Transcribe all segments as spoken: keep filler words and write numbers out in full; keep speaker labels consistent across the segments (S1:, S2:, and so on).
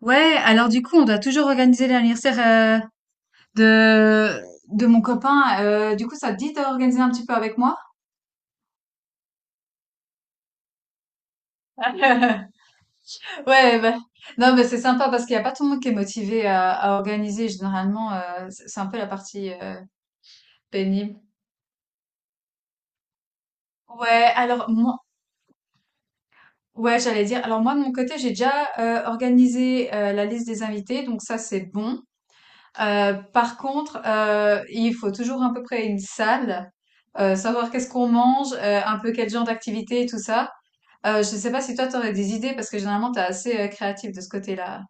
S1: Ouais, alors du coup, on doit toujours organiser l'anniversaire euh, de de mon copain. Euh, du coup, ça te dit d'organiser un petit peu avec moi? Ouais, bah, non, mais c'est sympa parce qu'il n'y a pas tout le monde qui est motivé à, à organiser. Généralement, euh, c'est c'est un peu la partie euh, pénible. Ouais, alors moi, ouais, j'allais dire. Alors moi, de mon côté, j'ai déjà euh, organisé euh, la liste des invités, donc ça, c'est bon. Euh, par contre, euh, il faut toujours à peu près une salle, euh, savoir qu'est-ce qu'on mange, euh, un peu quel genre d'activité et tout ça. Euh, je sais pas si toi t'aurais des idées parce que généralement t'es assez euh, créatif de ce côté-là.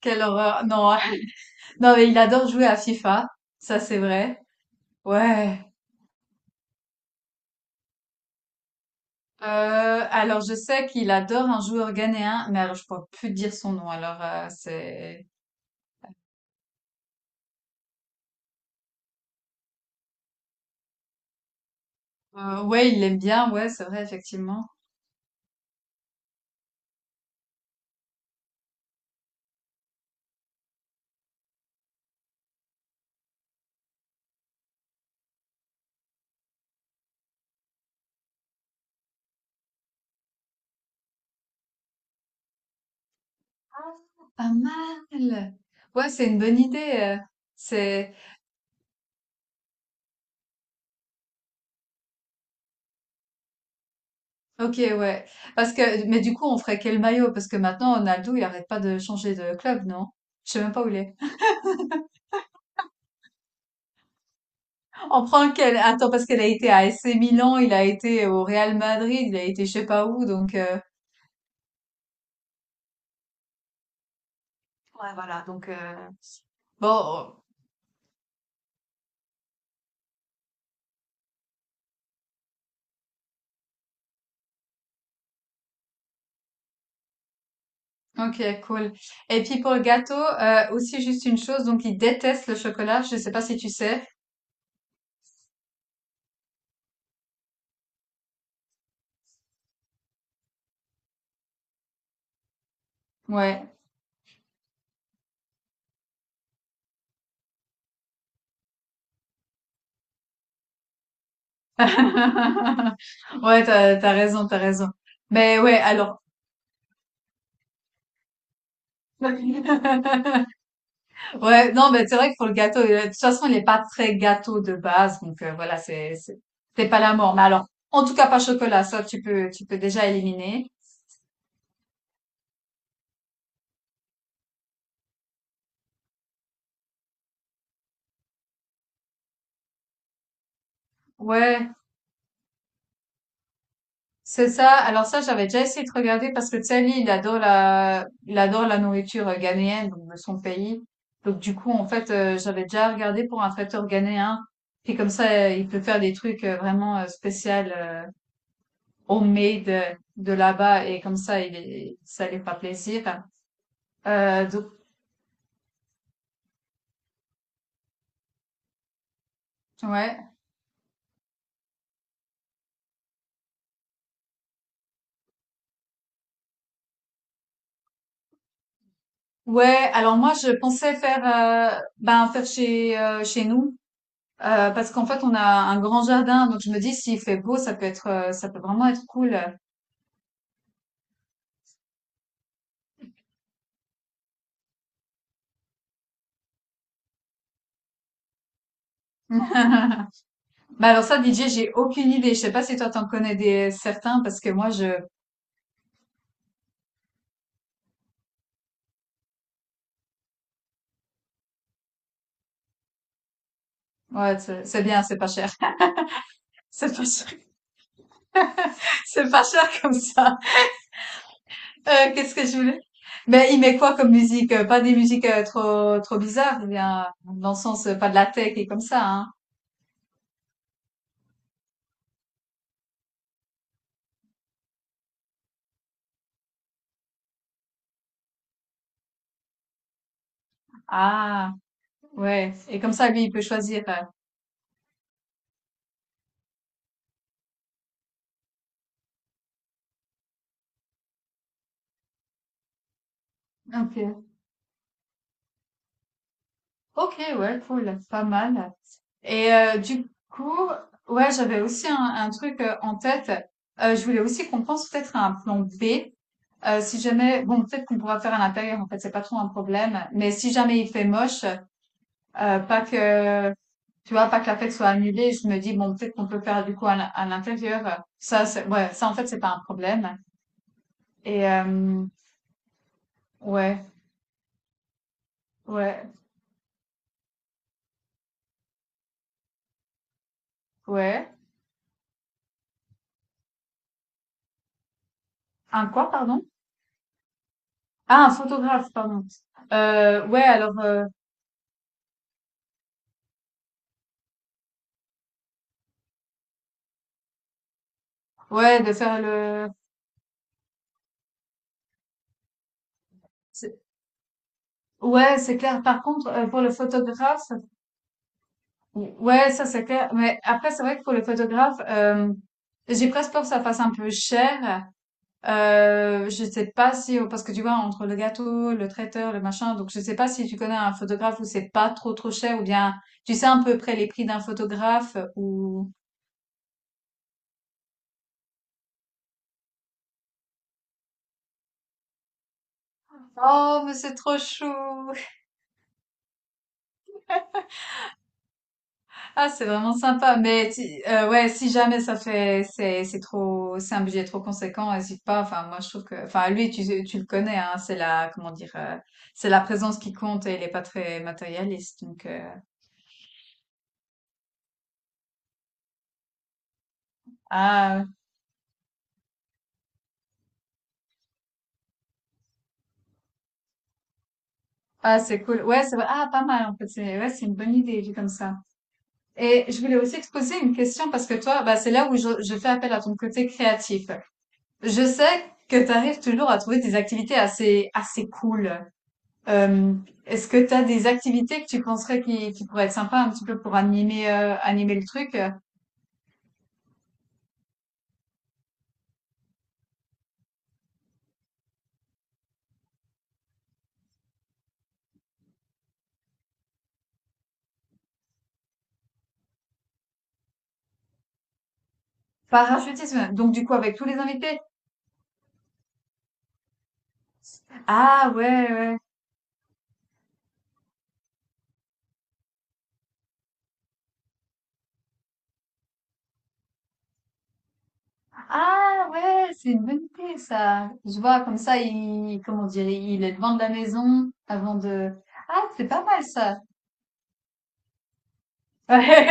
S1: Quelle horreur! Non, non mais il adore jouer à FIFA, ça c'est vrai. Ouais. Euh, alors je sais qu'il adore un joueur ghanéen, mais alors, je pourrais plus te dire son nom. Alors euh, c'est euh, ouais, il l'aime bien, ouais, c'est vrai effectivement. Ah, pas mal. Ouais, c'est une bonne idée. Euh, C'est OK, ouais. Parce que, mais du coup, on ferait quel maillot? Parce que maintenant, Ronaldo, il arrête pas de changer de club, non? Je sais même pas où il est. On prend quel Attends, parce qu'il a été à A C Milan, il a été au Real Madrid, il a été je sais pas où, donc euh, ouais, voilà, donc euh, bon. Ok, cool. Et puis pour le gâteau, euh, aussi juste une chose, donc il déteste le chocolat. Je sais pas si tu sais. Ouais. Ouais, t'as, t'as raison, t'as raison. Mais ouais, alors. Ouais, non, mais c'est vrai que pour le gâteau, euh, de toute façon, il est pas très gâteau de base, donc euh, voilà, c'est c'est c'est pas la mort. Mais alors, en tout cas, pas chocolat, ça tu peux tu peux déjà éliminer. Ouais, c'est ça. Alors ça, j'avais déjà essayé de regarder parce que tu sais, lui, il adore la il adore la nourriture euh, ghanéenne, donc de son pays. Donc du coup, en fait, euh, j'avais déjà regardé pour un traiteur ghanéen. Puis comme ça, euh, il peut faire des trucs euh, vraiment euh, spéciaux, euh, homemade euh, de là-bas, et comme ça, il est, ça lui fera plaisir. Euh, donc Ouais. Ouais, alors moi je pensais faire euh, ben faire chez euh, chez nous euh, parce qu'en fait on a un grand jardin donc je me dis s'il fait beau ça peut être euh, ça peut vraiment être cool. Bah alors ça D J, j'ai aucune idée, je sais pas si toi t'en connais des certains parce que moi je ouais, c'est c'est bien, c'est pas cher. C'est pas cher. C'est pas cher comme ça. Heu, qu'est-ce que je voulais? Mais il met quoi comme musique? Heu, pas des musiques, heu, trop trop bizarres, eh bien, dans le sens, heu, pas de la tech et comme ça, hein? Ah! Ouais et comme ça, lui, il peut choisir, heu, OK. OK, ouais, cool, pas mal et heu, du coup, ouais, j'avais aussi un un truc, heu, en tête. Heu, je voulais aussi qu'on pense peut-être à un plan B. Euh, si jamais, bon, peut-être qu'on pourra faire à l'intérieur, en fait, c'est pas trop un problème. Mais si jamais il fait moche, euh, pas que, tu vois, pas que la fête soit annulée, je me dis, bon, peut-être qu'on peut faire du coup à l'in- à l'intérieur. Ça, c'est, ouais, ça, en fait, c'est pas un problème. Et, euh, ouais, ouais, ouais. Un quoi, pardon? Ah, un photographe, pardon. Euh, ouais, alors, euh, ouais, de faire le, c'est- ouais, c'est clair. Par contre, euh, pour le photographe, ouais, ça c'est clair. Mais après, c'est vrai que pour les photographes, euh, j'ai presque peur que ça fasse un peu cher. Euh, je sais pas si, parce que tu vois, entre le gâteau, le traiteur, le machin, donc je sais pas si tu connais un photographe où c'est pas trop trop cher ou bien tu sais à peu près les prix d'un photographe ou... Oh, mais c'est trop chou! Ah, c'est vraiment sympa. Mais si- euh, ouais, si jamais ça fait, c'est c'est trop, c'est un budget trop conséquent, n'hésite pas. Enfin, moi je trouve que, enfin lui, tu tu le connais, hein. C'est la, comment dire, euh, c'est la présence qui compte et il est pas très matérialiste. Donc euh, ah ah c'est cool. Ouais, c'est vrai. Ah pas mal en fait. C'est ouais, c'est une bonne idée vu comme ça. Et je voulais aussi te poser une question parce que toi, bah c'est là où je, je fais appel à ton côté créatif. Je sais que tu arrives toujours à trouver des activités assez assez cool. Euh, est-ce que tu as des activités que tu penserais qui, qui pourraient être sympas un petit peu pour animer, euh, animer le truc? Parachutisme, donc du coup avec tous les invités. Ah ouais, ouais. Ah ouais, c'est une bonne idée ça. Je vois comme ça, il, comment dire, il est devant de la maison avant de. Ah, c'est pas mal ça.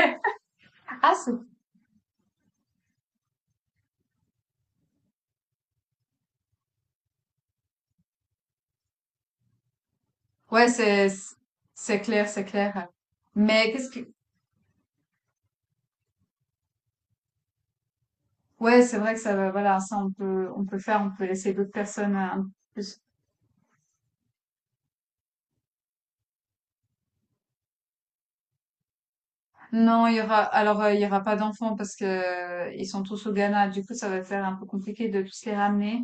S1: Ah, c'est... Ouais, c'est, c'est clair, c'est clair. Mais qu'est-ce que, Ouais, c'est vrai que ça va, voilà, ça on peut, on peut faire, on peut laisser d'autres personnes euh, un peu plus. Non, il y aura, alors euh, il y aura pas d'enfants parce que euh, ils sont tous au Ghana. Du coup, ça va faire un peu compliqué de tous les ramener.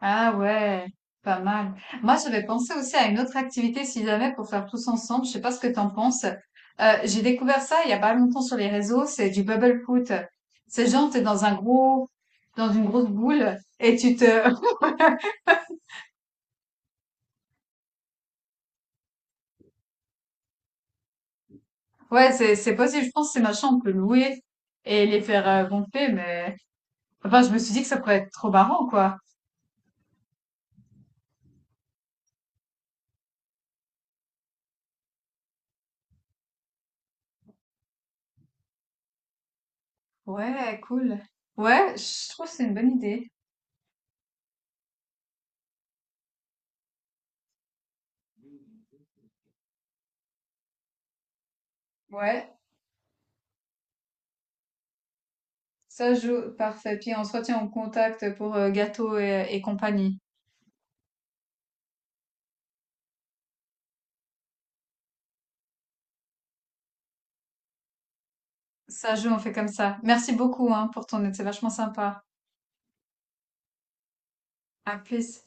S1: Ah ouais, pas mal. Moi, j'avais pensé aussi à une autre activité, si jamais, pour faire tous ensemble. Je sais pas ce que t'en penses. Euh, j'ai découvert ça il y a pas longtemps sur les réseaux. C'est du bubble foot. C'est genre, t'es dans un gros, dans une grosse boule et tu te, ouais, c'est, c'est possible. Je pense que ces machins, on peut louer et les faire euh, gonfler, mais, enfin, je me suis dit que ça pourrait être trop marrant, quoi. Ouais, cool. Ouais, je trouve que c'est une bonne idée. Ouais. Ça joue, parfait. Puis on se retient en contact pour euh, gâteau et, et compagnie. Ça joue, on fait comme ça. Merci beaucoup hein, pour ton aide, c'est vachement sympa. À plus.